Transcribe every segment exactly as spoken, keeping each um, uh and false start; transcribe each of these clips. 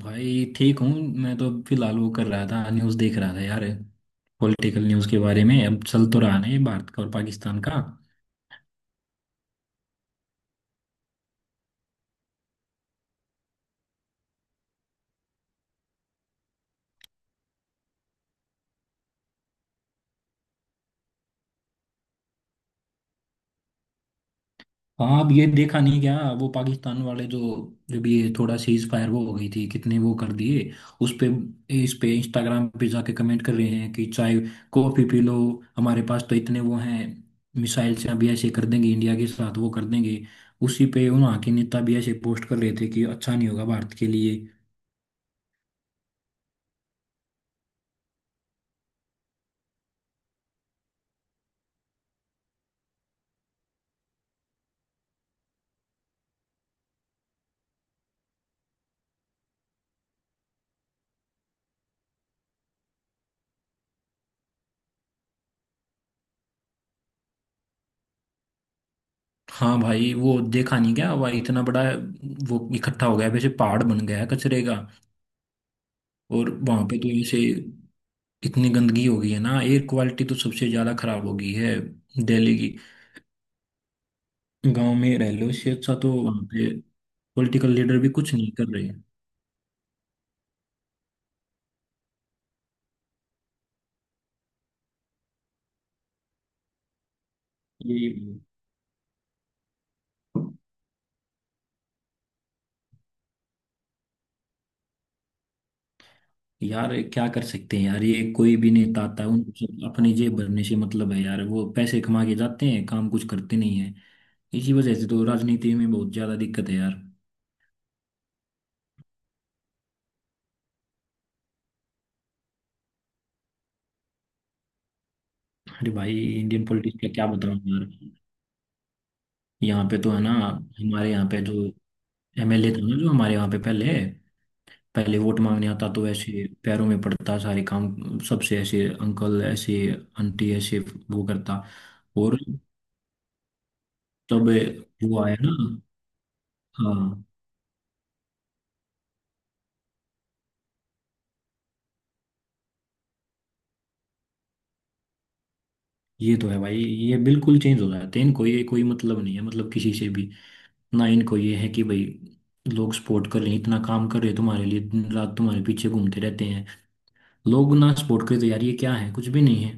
भाई ठीक हूँ। मैं तो फिलहाल वो कर रहा था, न्यूज़ देख रहा था यार। पॉलिटिकल न्यूज़ के बारे में अब चल तो रहा नहीं भारत का और पाकिस्तान का। हाँ, अब ये देखा नहीं क्या, वो पाकिस्तान वाले जो, जब ये थोड़ा सीज फायर वो हो गई थी, कितने वो कर दिए उस पे, इस पे इंस्टाग्राम पे जाके कमेंट कर रहे हैं कि चाय कॉफी पी लो, हमारे पास तो इतने वो हैं, मिसाइल से अभी ऐसे कर देंगे, इंडिया के साथ वो कर देंगे। उसी पे वहाँ के नेता भी ऐसे पोस्ट कर रहे थे कि अच्छा नहीं होगा भारत के लिए। हाँ भाई, वो देखा नहीं क्या भाई, इतना बड़ा वो इकट्ठा हो गया है, वैसे पहाड़ बन गया है कचरे का। और वहां पे तो ऐसे इतनी गंदगी हो गई है ना, एयर क्वालिटी तो सबसे ज्यादा खराब हो गई है दिल्ली की। गांव में रह लो इससे अच्छा, तो वहां पे पॉलिटिकल लीडर भी कुछ नहीं कर रहे हैं। ये, यार क्या कर सकते हैं यार, ये कोई भी नेता आता है, उनको सब अपनी जेब भरने से मतलब है यार, वो पैसे कमा के जाते हैं, काम कुछ करते नहीं है। इसी वजह से तो राजनीति में बहुत ज्यादा दिक्कत है यार। अरे भाई, इंडियन पॉलिटिक्स का क्या बताऊं यार। यहाँ पे तो है ना, हमारे यहाँ पे जो एम एल ए था ना, जो हमारे यहाँ पे पहले, पहले वोट मांगने आता तो ऐसे पैरों में पड़ता, सारे काम, सबसे ऐसे अंकल ऐसे, आंटी ऐसे वो करता। और तब वो आया ना। हाँ ये तो है भाई, ये बिल्कुल चेंज हो जाते हैं, इनको ये कोई मतलब नहीं है, मतलब किसी से भी ना। इनको ये है कि भाई लोग सपोर्ट कर रहे हैं, इतना काम कर रहे हैं तुम्हारे लिए, दिन रात तुम्हारे पीछे घूमते रहते हैं लोग, ना स्पोर्ट क्रेज, यार ये क्या है, कुछ भी नहीं है।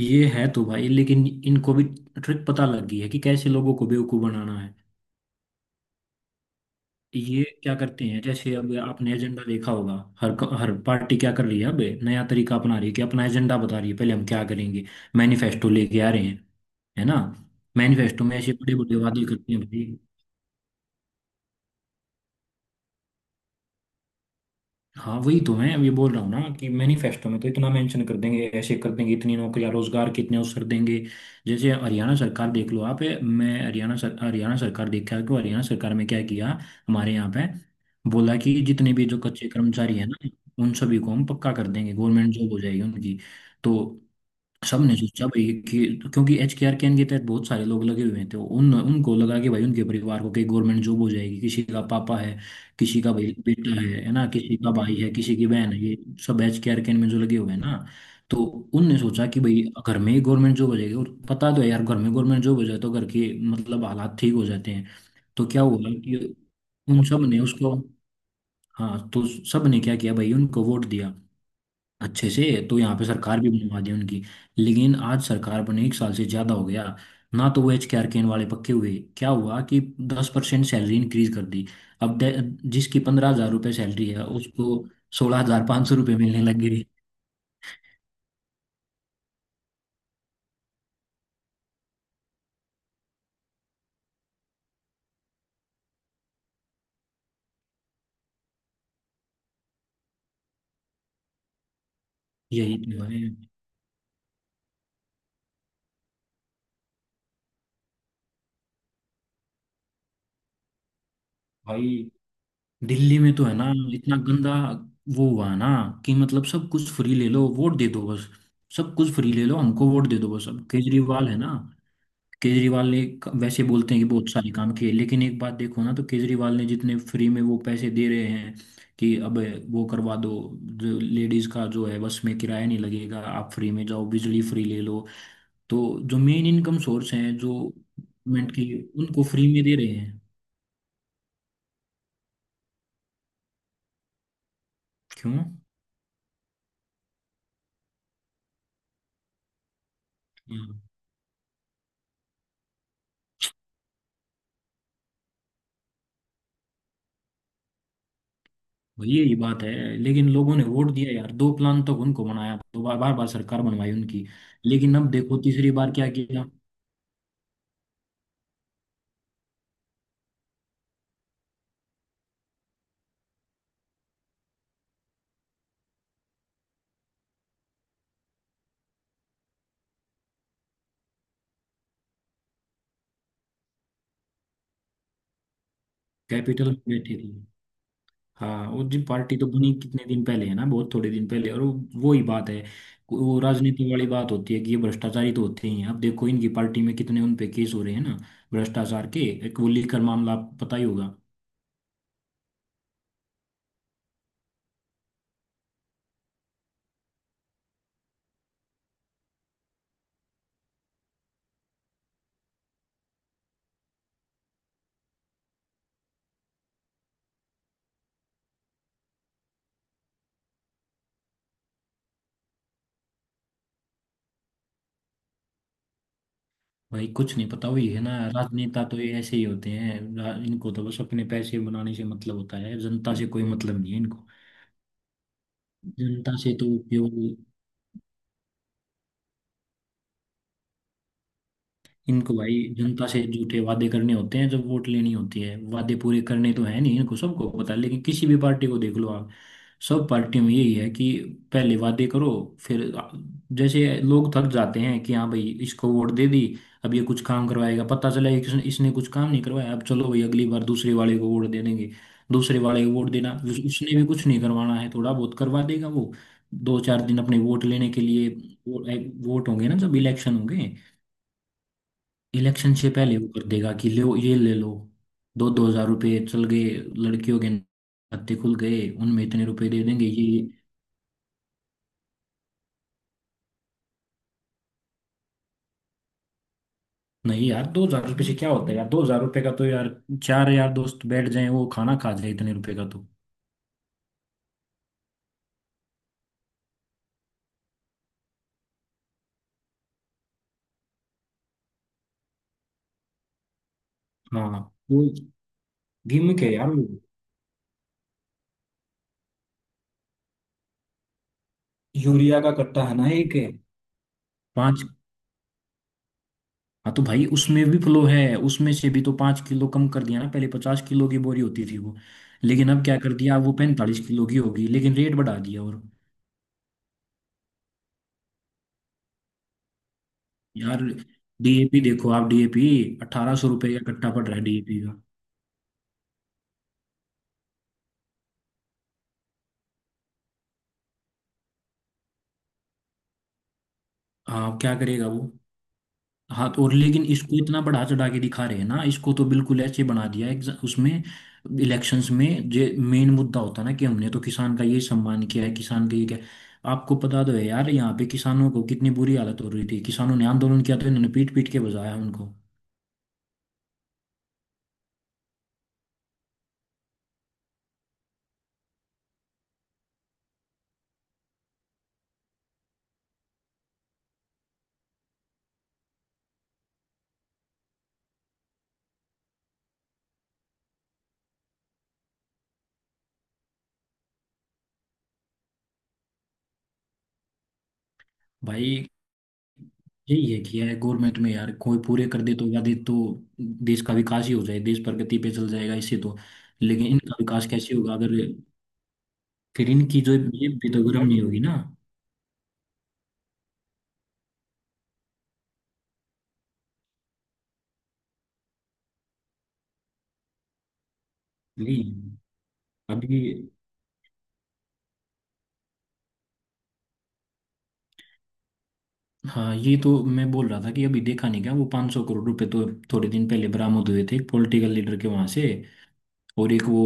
ये है तो भाई, लेकिन इनको भी ट्रिक पता लग गई है कि कैसे लोगों को बेवकूफ बनाना है। ये क्या करते हैं, जैसे अब आपने एजेंडा देखा होगा, हर क- हर पार्टी क्या कर रही है, अब नया तरीका अपना रही है कि अपना एजेंडा बता रही है, पहले हम क्या करेंगे, मैनिफेस्टो लेके आ रहे हैं, है ना। मैनिफेस्टो में ऐसे बड़े बड़े वादे करते हैं भाई। हाँ वही तो मैं ये बोल रहा हूँ ना कि मैनिफेस्टो में तो इतना मेंशन कर देंगे, ऐसे कर देंगे, इतनी नौकरियां, रोजगार, कितने अवसर देंगे। जैसे हरियाणा सरकार देख लो आप, मैं हरियाणा सर हरियाणा सरकार देखा कि हरियाणा सरकार में क्या किया हमारे यहाँ पे। बोला कि जितने भी जो कच्चे कर्मचारी हैं ना, उन सभी को हम पक्का कर देंगे, गवर्नमेंट जॉब हो जाएगी उनकी। तो सब ने सोचा भाई कि क्योंकि एच के आर कैन के तहत बहुत सारे लोग लगे हुए हैं, तो उन उनको लगा कि भाई उनके परिवार को कहीं गवर्नमेंट जॉब हो जाएगी, किसी का पापा है, किसी का भाई बेटा है है ना, किसी का भाई है, किसी की बहन है, ये सब एच के आर कैन में जो लगे हुए हैं ना। तो उनने सोचा कि भाई घर में ही गवर्नमेंट जॉब हो जाएगी, और पता तो है यार, घर में गवर्नमेंट जॉब हो जाए तो घर के मतलब हालात ठीक हो जाते हैं। तो क्या हुआ कि उन सब ने उसको, हाँ, तो सब ने क्या किया भाई, उनको वोट दिया अच्छे से। तो यहाँ पे सरकार भी बनवा दी उनकी। लेकिन आज सरकार बने एक साल से ज्यादा हो गया, ना तो वो एच के आर केन वाले पक्के हुए। क्या हुआ कि दस परसेंट सैलरी इंक्रीज कर दी। अब दे- जिसकी पंद्रह हजार रुपये सैलरी है उसको सोलह हजार पाँच सौ रुपये मिलने लग गई। यही तो है भाई। दिल्ली में तो है ना, इतना गंदा वो हुआ ना, कि मतलब सब कुछ फ्री ले लो वोट दे दो बस, सब कुछ फ्री ले लो हमको वोट दे दो बस। अब केजरीवाल है ना, केजरीवाल ने एक- वैसे बोलते हैं कि बहुत सारे काम किए, लेकिन एक बात देखो ना, तो केजरीवाल ने जितने फ्री में वो पैसे दे रहे हैं कि अब वो करवा दो, जो लेडीज का जो है बस में किराया नहीं लगेगा, आप फ्री में जाओ, बिजली फ्री ले लो। तो जो मेन इनकम सोर्स हैं जो गवर्नमेंट की, उनको फ्री में दे रहे हैं। क्यों। हाँ, वही, यही बात है। लेकिन लोगों ने वोट दिया यार, दो प्लान तक उनको बनाया, दो बार, बार बार सरकार बनवाई उनकी। लेकिन अब देखो तीसरी बार क्या किया, कैपिटल में बैठे थे। हाँ, वो जी पार्टी तो बनी कितने दिन पहले, है ना, बहुत थोड़े दिन पहले, और वो वो ही बात है। वो राजनीति वाली बात होती है कि ये भ्रष्टाचारी तो होते ही हैं, अब देखो इनकी पार्टी में कितने उन पे केस हो रहे हैं ना, भ्रष्टाचार के, एक वो लेकर मामला आपको पता ही होगा। भाई कुछ नहीं, पता, वही है ना, राजनेता तो ये ऐसे ही होते हैं, रा- इनको तो बस अपने पैसे बनाने से मतलब होता है, जनता से कोई मतलब नहीं है इनको, जनता से तो केवल इनको भाई जनता से झूठे वादे करने होते हैं जब वोट लेनी होती है, वादे पूरे करने तो है नहीं इनको, सबको पता है। लेकिन किसी भी पार्टी को देख लो आप, सब पार्टियों में यही है कि पहले वादे करो, फिर जैसे लोग थक जाते हैं कि हाँ भाई इसको वोट दे दी, अब ये कुछ काम करवाएगा, पता चला कि इसने इसने कुछ काम नहीं करवाया, अब चलो भाई अगली बार दूसरे वाले को वोट दे देंगे। दूसरे वाले को वोट देना, उस- उसने भी कुछ नहीं करवाना है, थोड़ा बहुत करवा देगा वो, दो चार दिन अपने वोट लेने के लिए। वो- वोट होंगे ना, जब इलेक्शन होंगे, इलेक्शन से पहले वो कर देगा कि लो ये ले लो, दो दो हजार रुपये चल गए, लड़कियों के खाते खुल गए, उनमें इतने रुपए दे देंगे ये ये। नहीं यार, दो हजार रुपये से क्या होता है यार, दो हजार रुपये का तो यार चार यार दोस्त बैठ जाए वो खाना खा जाए इतने रुपए का तो। हाँ वो, गिमिक है यार वो। यूरिया का कट्टा है ना, एक है पांच। हाँ तो भाई उसमें भी फ्लो है, उसमें से भी तो पांच किलो कम कर दिया ना, पहले पचास किलो की बोरी होती थी वो। लेकिन अब क्या कर दिया, वो पैंतालीस किलो की होगी लेकिन रेट बढ़ा दिया और, यार डी ए पी देखो आप, डी ए पी अट्ठारह सौ रुपये का कट्टा पड़ रहा है डी ए पी का। हाँ क्या करेगा वो। हाँ तो और लेकिन इसको इतना बढ़ा चढ़ा के दिखा रहे हैं ना इसको, तो बिल्कुल ऐसे बना दिया है exa- उसमें इलेक्शंस में जो मेन मुद्दा होता है ना कि हमने तो किसान का ये सम्मान किया है, किसान का ये क्या, आपको पता तो है यार यहाँ पे किसानों को कितनी बुरी हालत हो रही थी, किसानों ने आंदोलन किया तो इन्होंने पीट पीट के बजाया उनको। भाई यही ये किया है गवर्नमेंट में यार, कोई पूरे कर दे तो वादे तो, देश का विकास ही हो जाए, देश प्रगति पे चल जाएगा इससे तो। लेकिन इनका विकास कैसे होगा अगर, फिर इनकी जो जेब भी तो गर्म नहीं होगी ना। अभी, अभी, हाँ, ये तो मैं बोल रहा था कि अभी देखा नहीं क्या वो पाँच सौ करोड़ रुपए तो थोड़े दिन पहले बरामद हुए थे एक पॉलिटिकल लीडर के वहां से। और एक वो,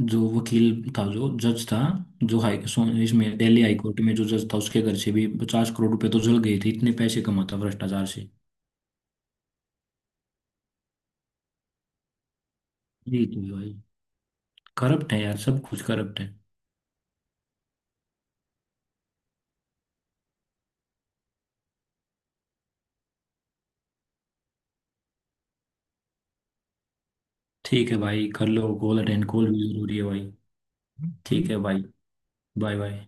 जो वकील था, जो जज था, जो हाई सो- इसमें दिल्ली हाई कोर्ट में जो जज था, उसके घर से भी पचास करोड़ रुपए तो जल गए थे, इतने पैसे कमाता भ्रष्टाचार से। यही तो है भाई, करप्ट है यार, सब कुछ करप्ट है। ठीक है भाई, कर लो कॉल अटेंड, कॉल भी जरूरी है भाई। ठीक है भाई, बाय बाय।